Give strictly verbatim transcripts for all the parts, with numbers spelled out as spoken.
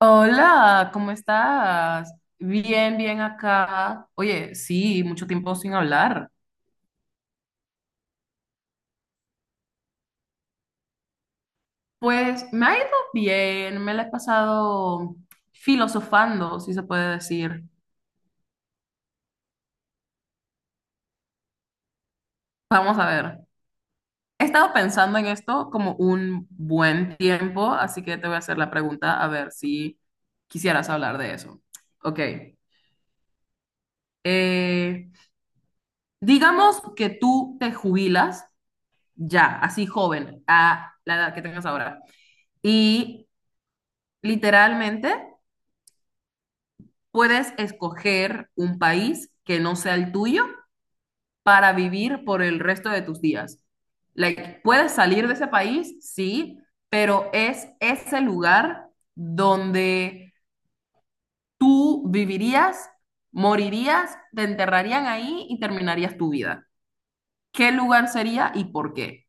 Hola, ¿cómo estás? Bien, bien acá. Oye, sí, mucho tiempo sin hablar. Pues me ha ido bien, me la he pasado filosofando, si se puede decir. Vamos a ver. He estado pensando en esto como un buen tiempo, así que te voy a hacer la pregunta a ver si quisieras hablar de eso. Ok. Eh, digamos que tú te jubilas ya, así joven, a la edad que tengas ahora. Y literalmente, puedes escoger un país que no sea el tuyo para vivir por el resto de tus días. Like, puedes salir de ese país, sí, pero es ese lugar donde tú vivirías, morirías, te enterrarían ahí y terminarías tu vida. ¿Qué lugar sería y por qué?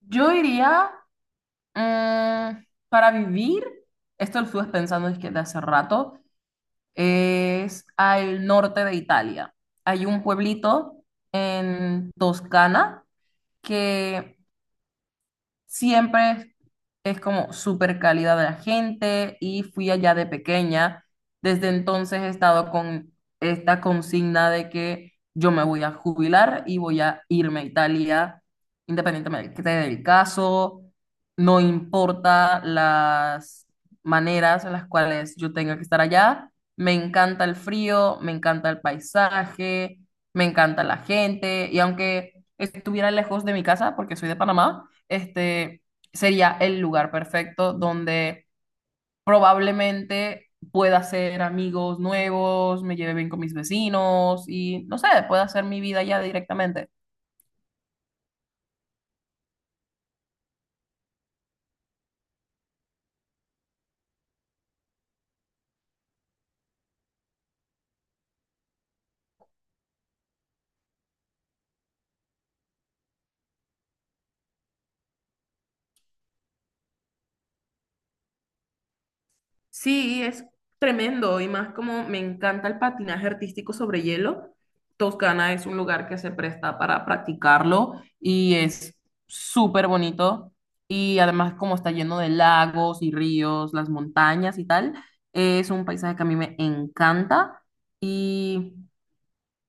Yo iría, mm, para vivir, esto lo estuve pensando desde hace rato, es al norte de Italia. Hay un pueblito en Toscana que siempre es como súper calidad de la gente, y fui allá de pequeña. Desde entonces he estado con esta consigna de que yo me voy a jubilar y voy a irme a Italia, independientemente del caso. No importa las maneras en las cuales yo tenga que estar allá. Me encanta el frío, me encanta el paisaje, me encanta la gente. Y aunque estuviera lejos de mi casa, porque soy de Panamá, este sería el lugar perfecto donde probablemente pueda hacer amigos nuevos, me lleve bien con mis vecinos y no sé, pueda hacer mi vida ya directamente. Sí, es tremendo, y más como me encanta el patinaje artístico sobre hielo. Toscana es un lugar que se presta para practicarlo y es súper bonito, y además como está lleno de lagos y ríos, las montañas y tal, es un paisaje que a mí me encanta. Y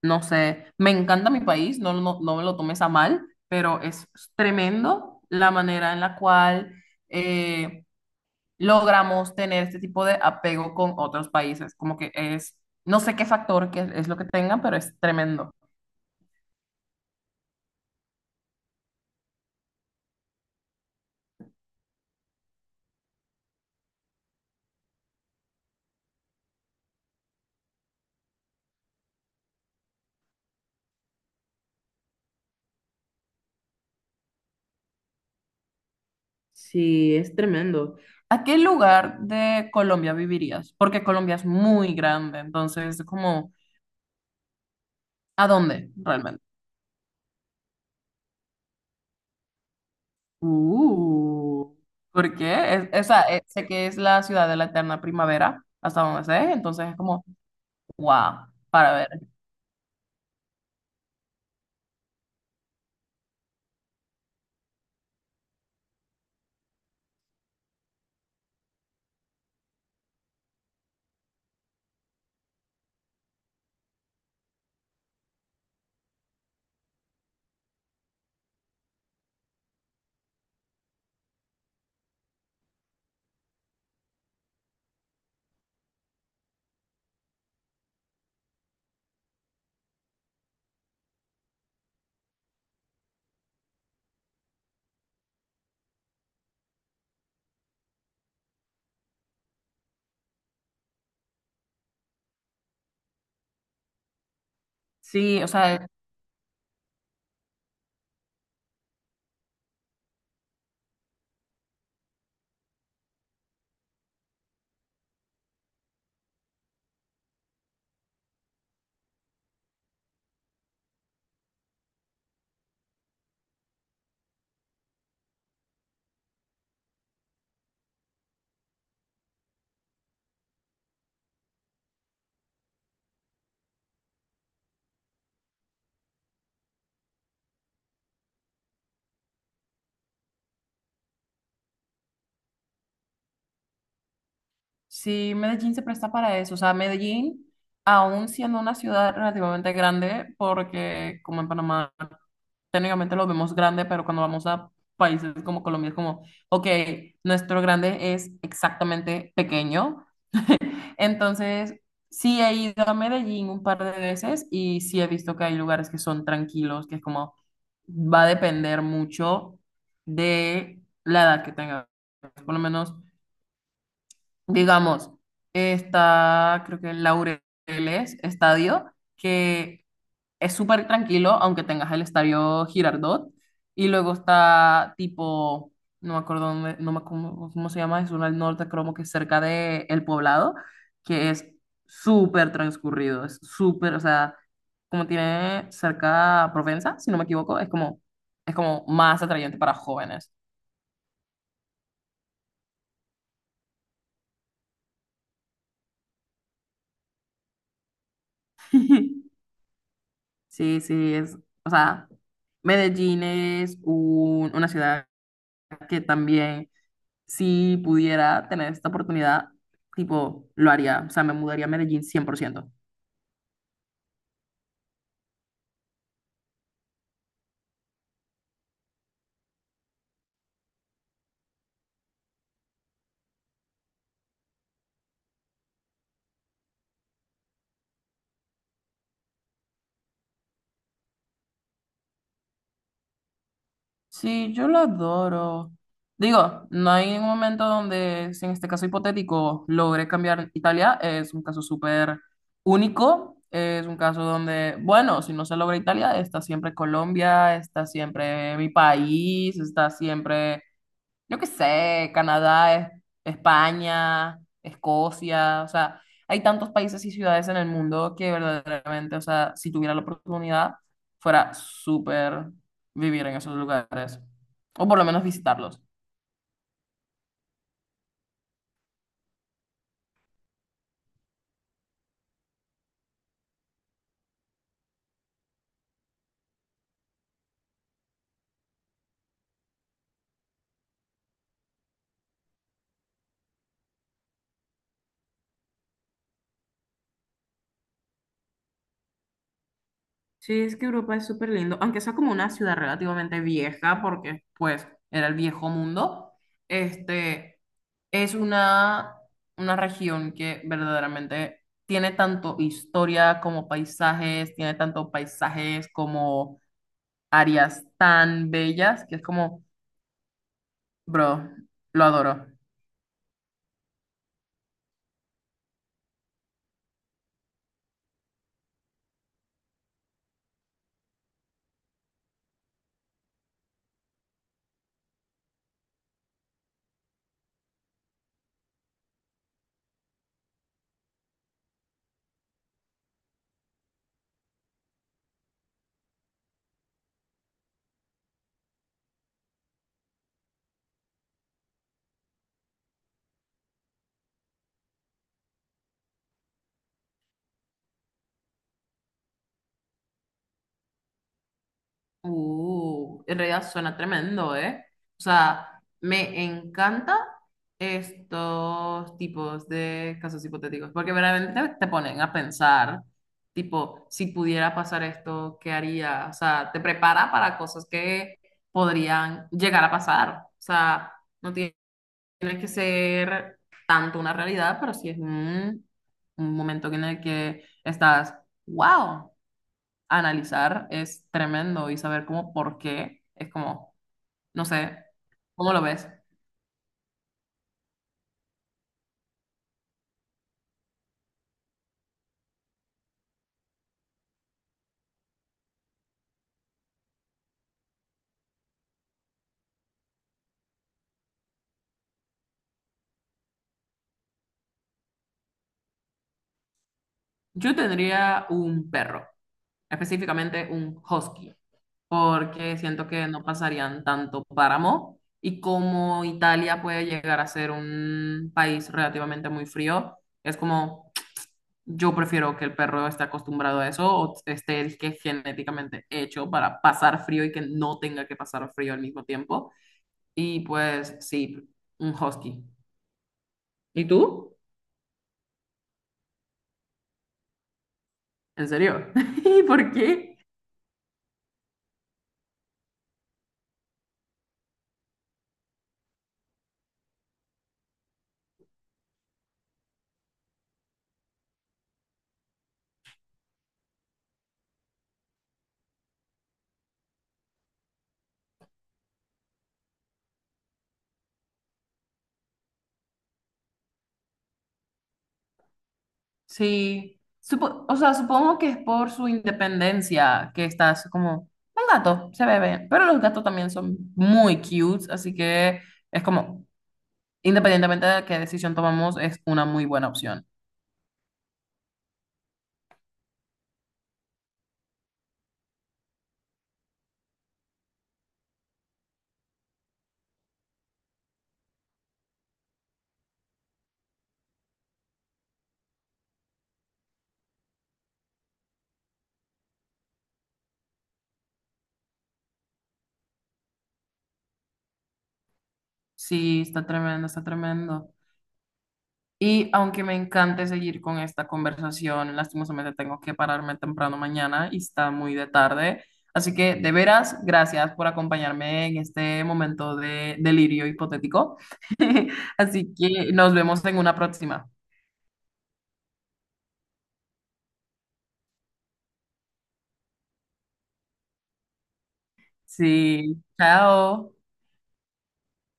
no sé, me encanta mi país, no, no, no me lo tomes a mal, pero es tremendo la manera en la cual... eh, logramos tener este tipo de apego con otros países. Como que es, no sé qué factor que es lo que tengan, pero es tremendo. Sí, es tremendo. ¿A qué lugar de Colombia vivirías? Porque Colombia es muy grande, entonces como, ¿a dónde realmente? Uh, ¿Por qué? Es, esa, eh, sé que es la ciudad de la eterna primavera, hasta donde sé, entonces es como, wow, para ver. Sí, o sea, sí, Medellín se presta para eso. O sea, Medellín, aún siendo una ciudad relativamente grande, porque como en Panamá, técnicamente lo vemos grande, pero cuando vamos a países como Colombia es como, ok, nuestro grande es exactamente pequeño. Entonces, sí he ido a Medellín un par de veces y sí he visto que hay lugares que son tranquilos, que es como, va a depender mucho de la edad que tengas. Por lo menos digamos, está, creo que en Laureles Estadio, que es súper tranquilo, aunque tengas el Estadio Girardot, y luego está tipo, no me acuerdo dónde- no me acu- cómo se llama, es uno al norte, creo que es cerca de El Poblado, que es súper transcurrido, es súper, o sea, como tiene cerca Provenza, si no me equivoco, es como, es como más atrayente para jóvenes. Sí, sí, es, o sea, Medellín es un- una ciudad que también, si pudiera tener esta oportunidad, tipo, lo haría, o sea, me mudaría a Medellín cien por ciento. Sí, yo la adoro. Digo, no hay un momento donde, si en este caso hipotético, logré cambiar Italia. Es un caso súper único. Es un caso donde, bueno, si no se logra Italia, está siempre Colombia, está siempre mi país, está siempre, yo qué sé, Canadá, Es- España, Escocia, o sea, hay tantos países y ciudades en el mundo que verdaderamente, o sea, si tuviera la oportunidad, fuera súper vivir en esos lugares, o por lo menos visitarlos. Sí, es que Europa es súper lindo, aunque sea como una ciudad relativamente vieja, porque pues era el viejo mundo, este, es una, una región que verdaderamente tiene tanto historia como paisajes, tiene tanto paisajes como áreas tan bellas, que es como, bro, lo adoro. Uh, en realidad suena tremendo, ¿eh? O sea, me encanta estos tipos de casos hipotéticos, porque verdaderamente te ponen a pensar, tipo, si pudiera pasar esto, ¿qué haría? O sea, te prepara para cosas que podrían llegar a pasar. O sea, no tiene que ser tanto una realidad, pero sí es un, un momento en el que estás, wow, analizar es tremendo y saber cómo por qué es como, no sé, ¿cómo lo ves? Yo tendría un perro, específicamente un husky, porque siento que no pasarían tanto páramo y como Italia puede llegar a ser un país relativamente muy frío, es como, yo prefiero que el perro esté acostumbrado a eso o esté que genéticamente hecho para pasar frío y que no tenga que pasar frío al mismo tiempo. Y pues sí, un husky. ¿Y tú? ¿En serio? ¿Y por qué? Sí. Supo- o sea, supongo que es por su independencia que estás como un gato, se bebe. Pero los gatos también son muy cute, así que es como, independientemente de qué decisión tomamos, es una muy buena opción. Sí, está tremendo, está tremendo. Y aunque me encante seguir con esta conversación, lastimosamente tengo que pararme temprano mañana y está muy de tarde. Así que, de veras, gracias por acompañarme en este momento de delirio hipotético. Así que nos vemos en una próxima. Sí, chao.